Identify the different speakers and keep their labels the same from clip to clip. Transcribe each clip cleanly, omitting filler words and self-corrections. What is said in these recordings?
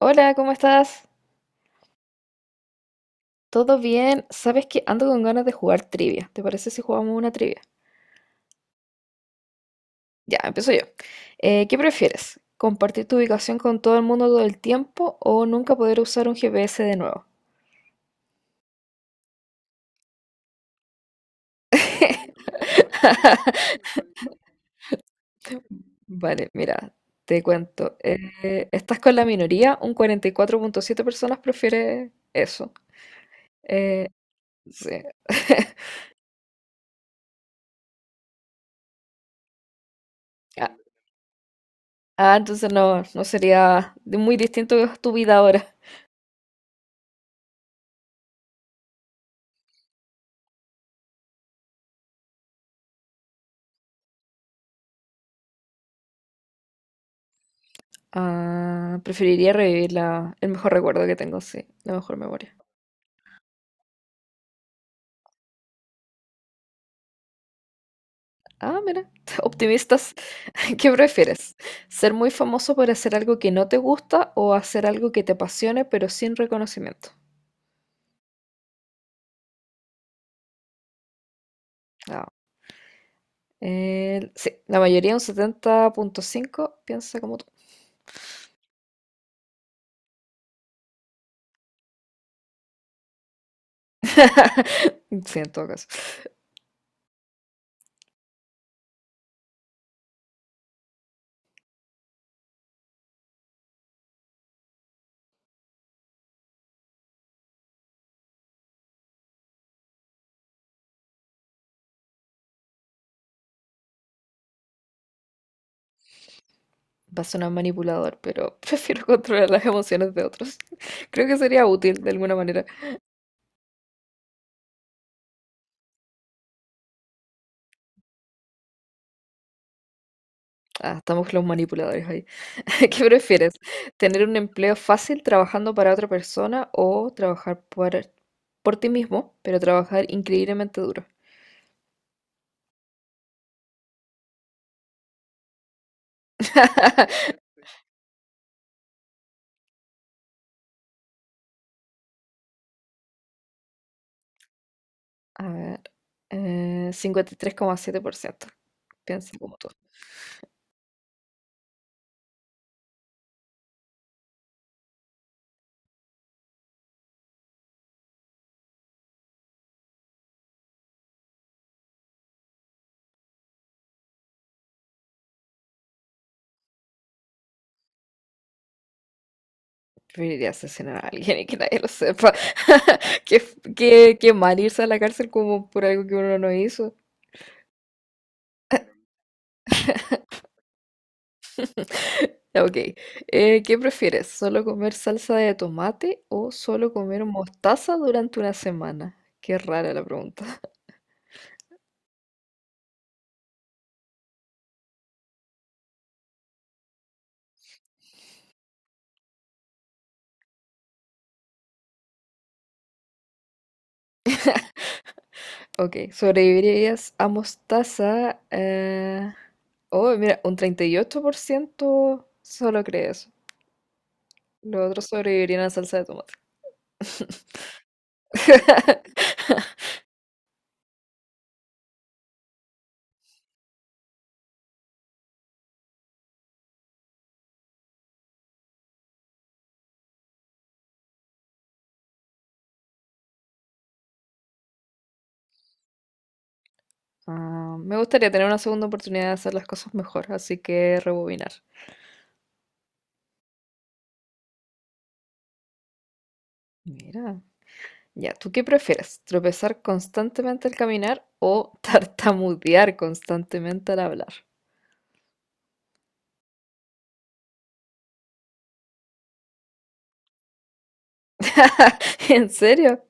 Speaker 1: Hola, ¿cómo estás? ¿Todo bien? ¿Sabes que ando con ganas de jugar trivia? ¿Te parece si jugamos una trivia? Ya, empiezo yo. ¿Qué prefieres? ¿Compartir tu ubicación con todo el mundo todo el tiempo o nunca poder usar un GPS de nuevo? Vale, mira, te cuento. Estás con la minoría, un 44.7 personas prefiere eso. Eh, sí. Ah, ah, entonces no sería muy distinto tu vida ahora. Ah, preferiría revivir el mejor recuerdo que tengo, sí, la mejor memoria. Ah, mira, optimistas. ¿Qué prefieres? ¿Ser muy famoso por hacer algo que no te gusta o hacer algo que te apasione pero sin reconocimiento? Ah, sí, la mayoría, un 70.5, piensa como tú. Sí, en todo caso. Va a sonar manipulador, pero prefiero controlar las emociones de otros. Creo que sería útil de alguna manera. Ah, estamos los manipuladores ahí. ¿Qué prefieres? ¿Tener un empleo fácil trabajando para otra persona o trabajar por ti mismo, pero trabajar increíblemente duro? A ver, 53,7% piensa como tú. Preferiría asesinar a alguien y que nadie lo sepa. Qué, qué mal irse a la cárcel como por algo que uno no hizo. Ya, ok. ¿Qué prefieres? ¿Solo comer salsa de tomate o solo comer mostaza durante una semana? Qué rara la pregunta. Ok, sobrevivirías a mostaza. Oh, mira, un 38% solo cree eso. Los otros sobrevivirían a la salsa de tomate. Ah, me gustaría tener una segunda oportunidad de hacer las cosas mejor, así que rebobinar. Mira. Ya, ¿tú qué prefieres? ¿Tropezar constantemente al caminar o tartamudear constantemente al hablar? ¿En serio?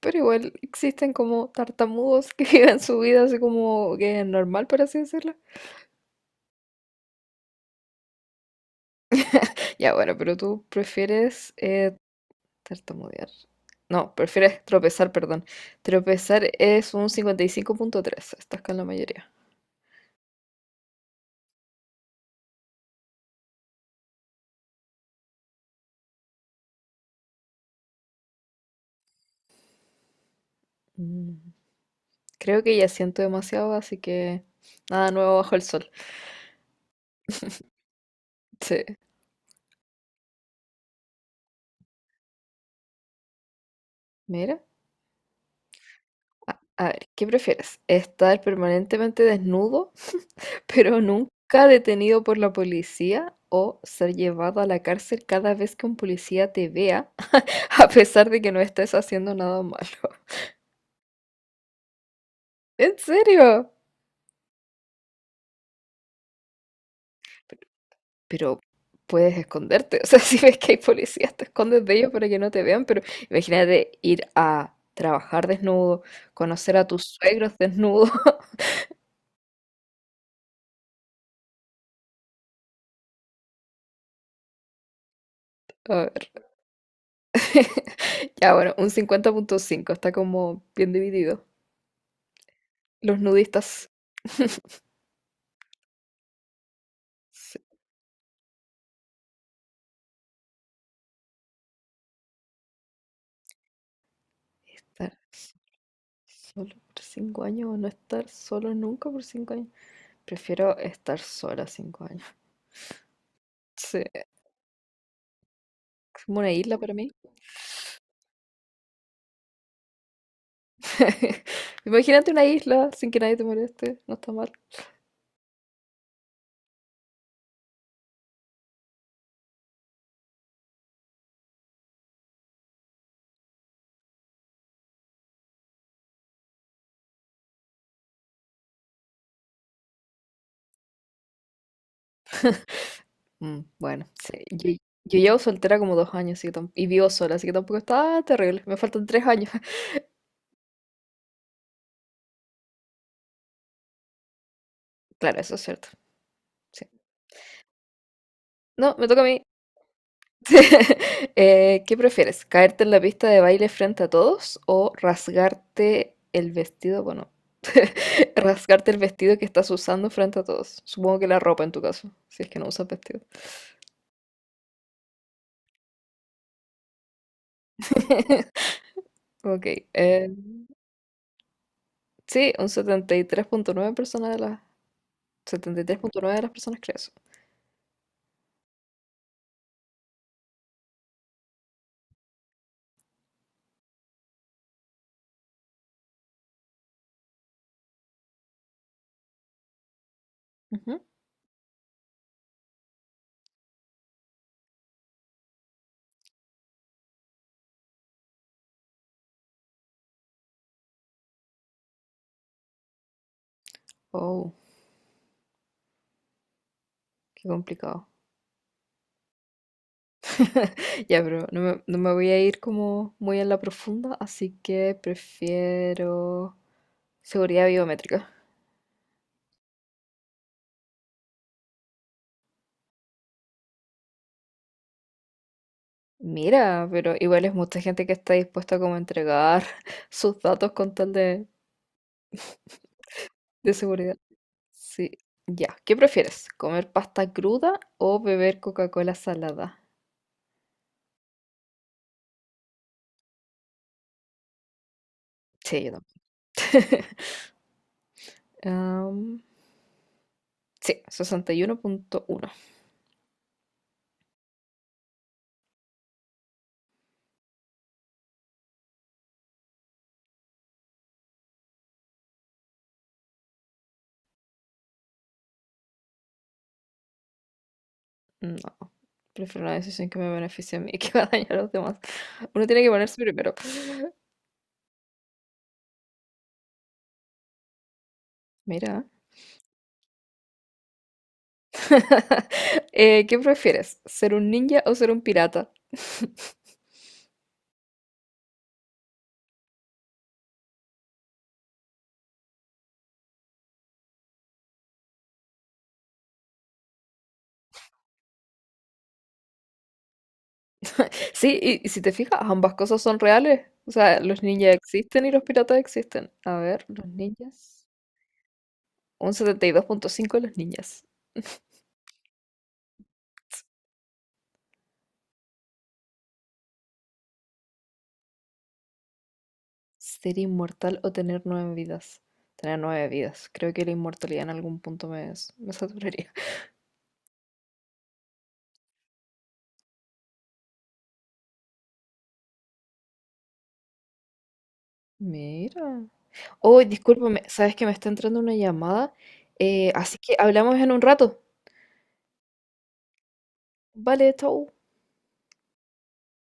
Speaker 1: Pero igual existen como tartamudos que viven su vida así como que es normal, por así decirlo. Ya, bueno, pero tú prefieres tartamudear. No, prefieres tropezar, perdón. Tropezar es un 55.3. Estás con la mayoría. Mm, creo que ya siento demasiado, así que nada nuevo bajo el sol. Sí. Mira. A ver, ¿qué prefieres? ¿Estar permanentemente desnudo, pero nunca detenido por la policía? ¿O ser llevado a la cárcel cada vez que un policía te vea, a pesar de que no estés haciendo nada malo? ¿En serio? Pero puedes esconderte. O sea, si ves que hay policías, te escondes de ellos para que no te vean. Pero imagínate ir a trabajar desnudo, conocer a tus suegros desnudo. A ver. Ya, bueno, un 50,5. Está como bien dividido. Los nudistas. Sí, estar solo por 5 años o no estar solo nunca por 5 años. Prefiero estar sola 5 años. Sí, es como una isla para mí. Imagínate una isla sin que nadie te moleste. No está mal. Mm, bueno, sí. Yo llevo soltera como 2 años así que y vivo sola, así que tampoco está terrible. Me faltan 3 años. Claro, eso es cierto. Sí. No, me toca a mí. ¿Qué prefieres? ¿Caerte en la pista de baile frente a todos o rasgarte el vestido? Bueno, rasgarte el vestido que estás usando frente a todos. Supongo que la ropa en tu caso, si es que no usas vestido. Ok, eh, sí, un 73,9 personas de las 73,9 de las personas creen eso. Ujú. Oh. Qué complicado. Ya, pero no me voy a ir como muy en la profunda, así que prefiero seguridad biométrica. Mira, pero igual es mucha gente que está dispuesta como a entregar sus datos con tal de seguridad. Sí, ya. ¿Qué prefieres? ¿Comer pasta cruda o beber Coca-Cola salada? Sí, yo también. Am, sí, sesenta y uno punto uno. No, prefiero una decisión que me beneficie a mí y que va a dañar a los demás. Uno tiene que ponerse primero. Mira. ¿Qué prefieres? ¿Ser un ninja o ser un pirata? Sí, y si te fijas, ambas cosas son reales. O sea, los ninjas existen y los piratas existen. A ver, los ninjas. Un 72.5 de los ninjas. ¿Ser inmortal o tener 9 vidas? Tener nueve vidas. Creo que la inmortalidad en algún punto me, me saturaría. Mira. Oh, discúlpame, sabes que me está entrando una llamada. Así que hablamos en un rato. Vale, chau.